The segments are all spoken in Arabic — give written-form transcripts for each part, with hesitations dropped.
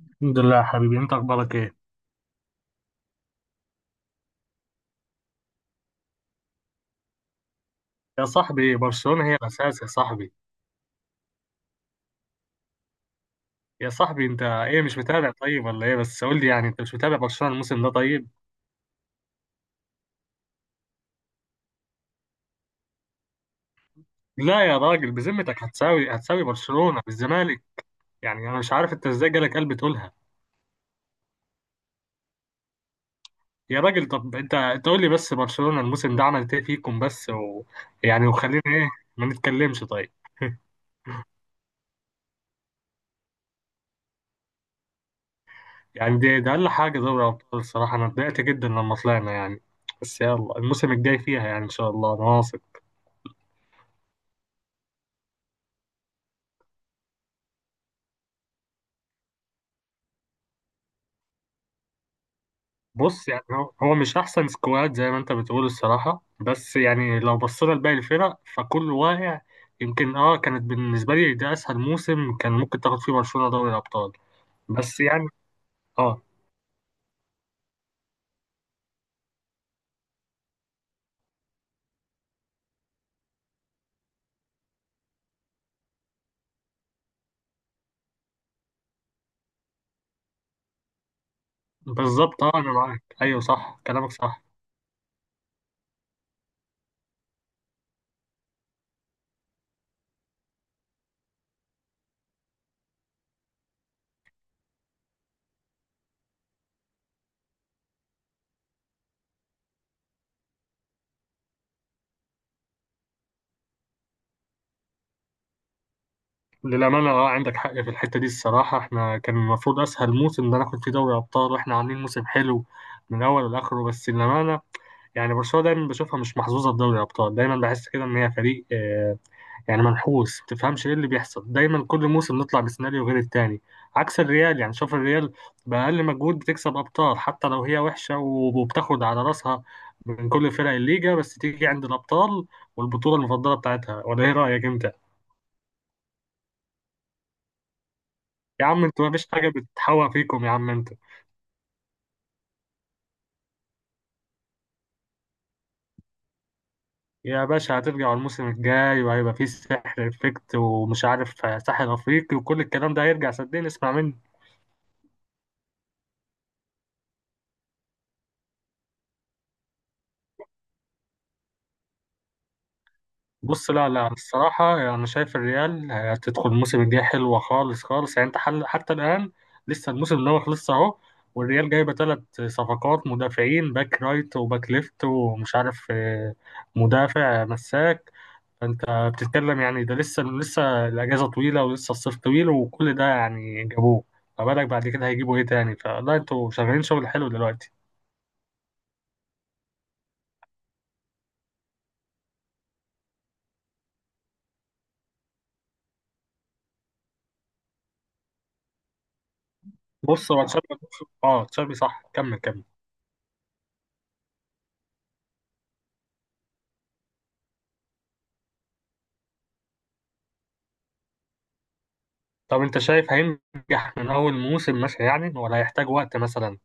الحمد لله يا حبيبي، انت اخبارك ايه؟ يا صاحبي، برشلونة هي الاساس يا صاحبي. يا صاحبي، انت ايه مش متابع طيب ولا ايه؟ بس قول لي يعني، انت مش متابع برشلونة الموسم ده طيب؟ لا يا راجل، بذمتك هتساوي برشلونة بالزمالك؟ يعني انا مش عارف انت ازاي جالك قلب تقولها. يا راجل، طب انت قول لي بس، برشلونة الموسم ده عملت ايه فيكم بس و يعني وخلينا ايه، ما نتكلمش طيب. يعني ده اقل حاجة دوري ابطال، الصراحة انا اتضايقت جدا لما طلعنا يعني. بس يلا الموسم الجاي فيها يعني، ان شاء الله انا واثق. بص يعني هو مش احسن سكواد زي ما انت بتقول الصراحه، بس يعني لو بصينا لباقي الفرق فكل واقع. يمكن كانت بالنسبه لي ده اسهل موسم كان ممكن تاخد فيه برشلونه دوري الابطال. بس يعني اه، بالظبط انا معاك، ايوه صح، كلامك صح. للامانه عندك حق في الحته دي، الصراحه احنا كان المفروض اسهل موسم ده ناخد فيه دوري ابطال، واحنا عاملين موسم حلو من اول لاخره، بس للامانه. يعني برشلونه دايما بشوفها مش محظوظه في دوري الابطال، دايما بحس كده ان هي فريق يعني منحوس، تفهمش ايه اللي بيحصل؟ دايما كل موسم نطلع بسيناريو غير التاني. عكس الريال، يعني شوف الريال، بأقل مجهود بتكسب أبطال حتى لو هي وحشة وبتاخد على راسها من كل فرق الليجا، بس تيجي عند الأبطال والبطولة المفضلة بتاعتها، ولا ايه رأيك انت؟ يا عم انتوا مفيش حاجة بتتحوى فيكم يا عم انتوا. يا باشا، هترجعوا الموسم الجاي وهيبقى فيه سحر افكت ومش عارف، ساحر افريقي وكل الكلام ده هيرجع، صدقني اسمع مني. بص لا لا، الصراحة أنا يعني شايف الريال هتدخل الموسم الجاي حلوة خالص خالص، يعني أنت حل حتى الآن لسه الموسم ده ما خلصش أهو. والريال جايبة ثلاث صفقات مدافعين، باك رايت وباك ليفت ومش عارف مدافع مساك. فأنت بتتكلم يعني، ده لسه الأجازة طويلة ولسه الصيف طويل وكل ده يعني جابوه، فبالك بعد كده هيجيبوا إيه تاني؟ فلا، أنتوا شغالين شغل حلو دلوقتي. بص هو تشابي، اه تشابي صح، كمل كمل. طب انت شايف هينجح من اول موسم مثلا يعني ولا هيحتاج وقت مثلا؟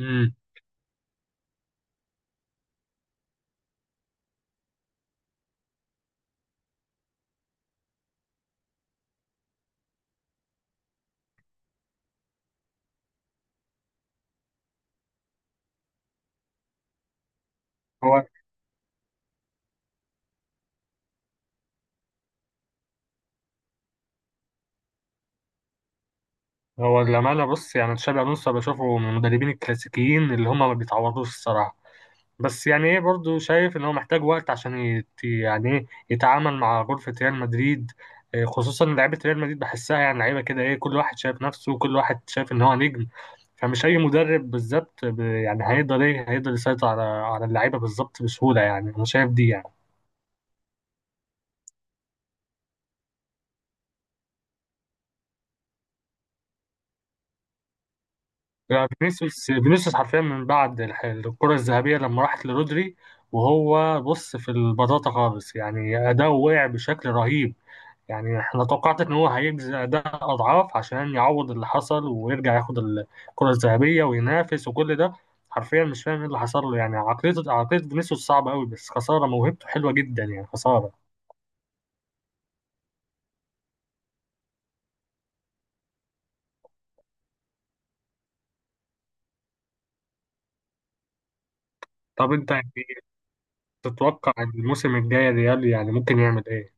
امم. هو هو لامال، بص يعني تشابي الونسو بشوفه من المدربين الكلاسيكيين اللي هم ما بيتعوضوش الصراحه. بس يعني ايه، برضه شايف ان هو محتاج وقت عشان يعني ايه يتعامل مع غرفه ريال مدريد. اه، خصوصا لعيبه ريال مدريد بحسها يعني لعيبه كده، ايه، كل واحد شايف نفسه وكل واحد شايف ان هو نجم. فمش اي مدرب بالظبط يعني هيقدر، ايه، هيقدر يسيطر على اللعيبه بالظبط بسهوله، يعني انا شايف دي يعني. يعني فينيسيوس حرفيا من بعد الكرة الذهبية لما راحت لرودري، وهو بص في البطاطا خالص، يعني أداؤه وقع بشكل رهيب. يعني احنا توقعت ان هو هيجزي أداء أضعاف عشان يعوض اللي حصل ويرجع ياخد الكرة الذهبية وينافس وكل ده. حرفيا مش فاهم ايه اللي حصل له، يعني عقلية فينيسيوس صعبة قوي، بس خسارة موهبته حلوة جدا يعني، خسارة. طب انت يعني تتوقع الموسم الجاي ريال يعني ممكن يعمل ايه؟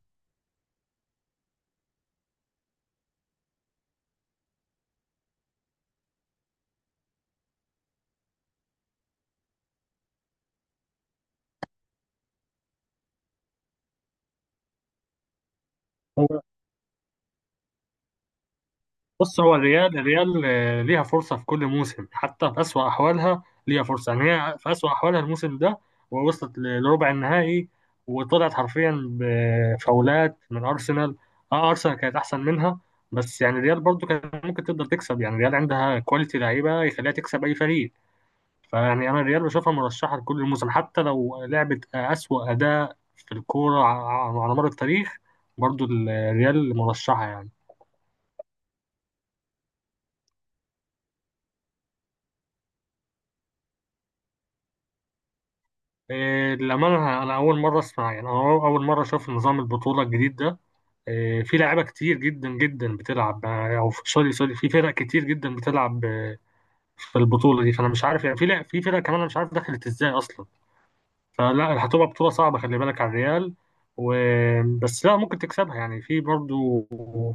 بص هو الريال ليها فرصة في كل موسم، حتى في أسوأ أحوالها ليها فرصة، يعني هي في أسوأ أحوالها الموسم ده ووصلت لربع النهائي، وطلعت حرفيا بفاولات من أرسنال. أه، أرسنال كانت أحسن منها، بس يعني الريال برضو كانت ممكن تقدر تكسب، يعني الريال عندها كواليتي لعيبة يخليها تكسب أي فريق. فيعني أنا الريال بشوفها مرشحة لكل الموسم، حتى لو لعبت أسوأ أداء في الكورة على مر التاريخ، برضو الريال مرشحة يعني. إيه، للأمانة، أنا أول مرة أسمع، يعني أنا أول مرة أشوف نظام البطولة الجديد ده. إيه، في لعيبة كتير جدا جدا بتلعب أو سوري سوري، في فرق كتير جدا بتلعب في البطولة دي، فأنا مش عارف يعني، في في فرق كمان أنا مش عارف دخلت إزاي أصلا. فلا، هتبقى بطولة صعبة، خلي بالك على الريال و بس لا، ممكن تكسبها يعني، في برضو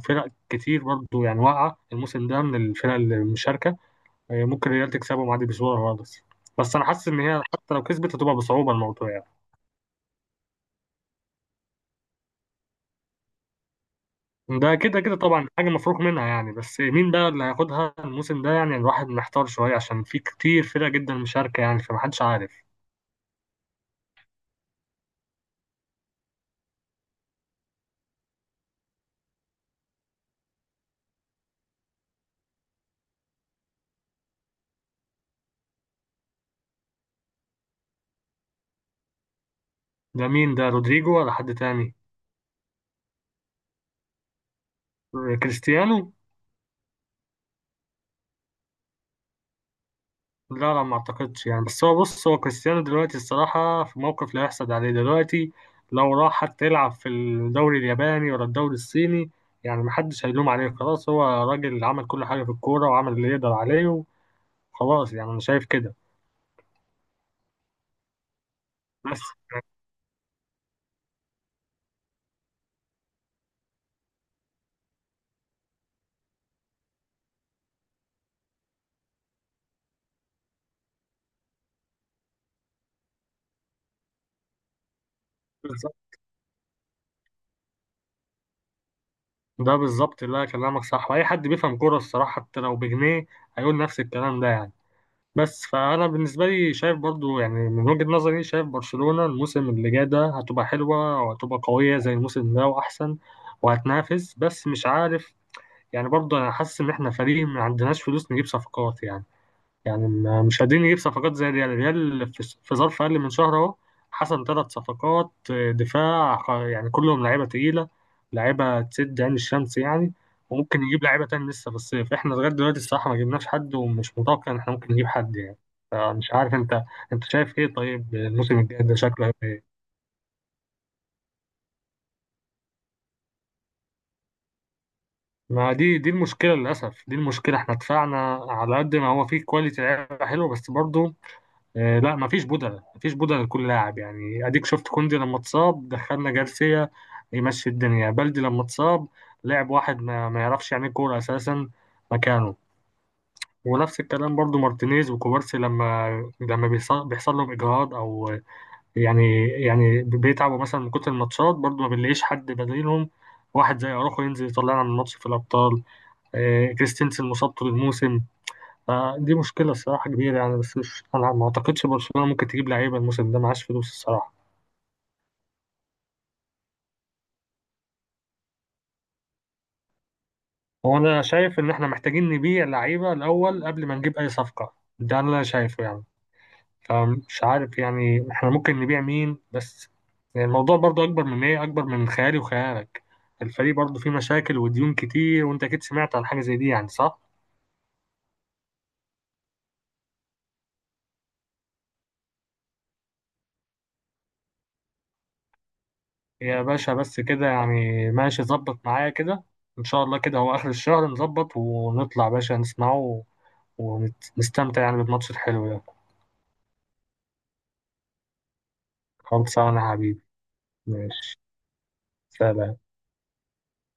فرق كتير برضو يعني واقعة الموسم ده من الفرق المشاركة، إيه، ممكن الريال تكسبهم عادي بسهولة خالص. بس أنا حاسس إن هي حتى لو كسبت هتبقى بصعوبة الموضوع يعني. ده كده كده طبعا حاجة مفروغ منها يعني، بس مين بقى اللي هياخدها الموسم ده؟ يعني الواحد محتار شوية عشان في كتير فرق جدا مشاركة يعني، فمحدش عارف. ده مين ده، رودريجو ولا حد تاني؟ كريستيانو. لا لا، ما اعتقدش يعني، بس بص هو كريستيانو دلوقتي الصراحة في موقف لا يحسد عليه دلوقتي. لو راح حتى يلعب في الدوري الياباني ولا الدوري الصيني، يعني محدش هيلوم عليه، خلاص هو راجل عمل كل حاجة في الكورة وعمل اللي يقدر عليه، وخلاص يعني أنا شايف كده. بس ده بالظبط، اللي كلامك صح، واي حد بيفهم كوره الصراحه حتى لو بجنيه هيقول نفس الكلام ده يعني. بس فانا بالنسبه لي شايف برضو يعني من وجهه نظري، شايف برشلونه الموسم اللي جاي ده هتبقى حلوه وهتبقى قويه زي الموسم ده واحسن وهتنافس، بس مش عارف. يعني برضو انا حاسس ان احنا فريق ما عندناش فلوس نجيب صفقات يعني، يعني مش قادرين نجيب صفقات زي الريال في ظرف أقل من شهر أهو حصل ثلاث صفقات دفاع يعني كلهم لعيبة تقيلة، لعيبة تسد عين الشمس يعني. وممكن يجيب لعيبة تاني لسه في الصيف، احنا لغاية دلوقتي الصراحة ما جبناش حد، ومش متوقع إن احنا ممكن نجيب حد يعني. فمش عارف، أنت شايف إيه طيب؟ الموسم الجاي ده شكله هيبقى إيه؟ ما دي المشكلة، للأسف دي المشكلة، احنا دفعنا على قد ما هو فيه كواليتي لعيبة حلوة بس برضه لا، مفيش بدلة مفيش بدلة لكل لاعب، يعني اديك شفت كوندي لما اتصاب دخلنا جارسيا، يمشي الدنيا بلدي لما اتصاب. لعب واحد ما يعرفش يعني إيه كورة اساسا مكانه. ونفس الكلام برضو مارتينيز وكوبارسي، لما بيحصل لهم اجهاد او يعني بيتعبوا مثلا من كتر الماتشات، برضو ما بنلاقيش حد بديلهم. واحد زي اروخو ينزل يطلعنا من الماتش في الابطال، كريستنسن مصابته للموسم. فدي مشكلة الصراحة كبيرة يعني، بس مش، أنا ما أعتقدش برشلونة ممكن تجيب لعيبة الموسم ده معاش فلوس الصراحة. هو أنا شايف إن إحنا محتاجين نبيع لعيبة الأول قبل ما نجيب أي صفقة، ده اللي أنا شايفه يعني. فمش عارف يعني، إحنا ممكن نبيع مين بس؟ يعني الموضوع برضه أكبر من إيه، أكبر من خيالي وخيالك. الفريق برضه فيه مشاكل وديون كتير، وأنت أكيد سمعت عن حاجة زي دي يعني، صح؟ يا باشا، بس كده يعني ماشي، ظبط معايا كده. إن شاء الله كده هو آخر الشهر نظبط ونطلع باشا نسمعه، ونستمتع يعني بالماتش الحلو ده. خلصانة يا حبيبي. ماشي. سلام.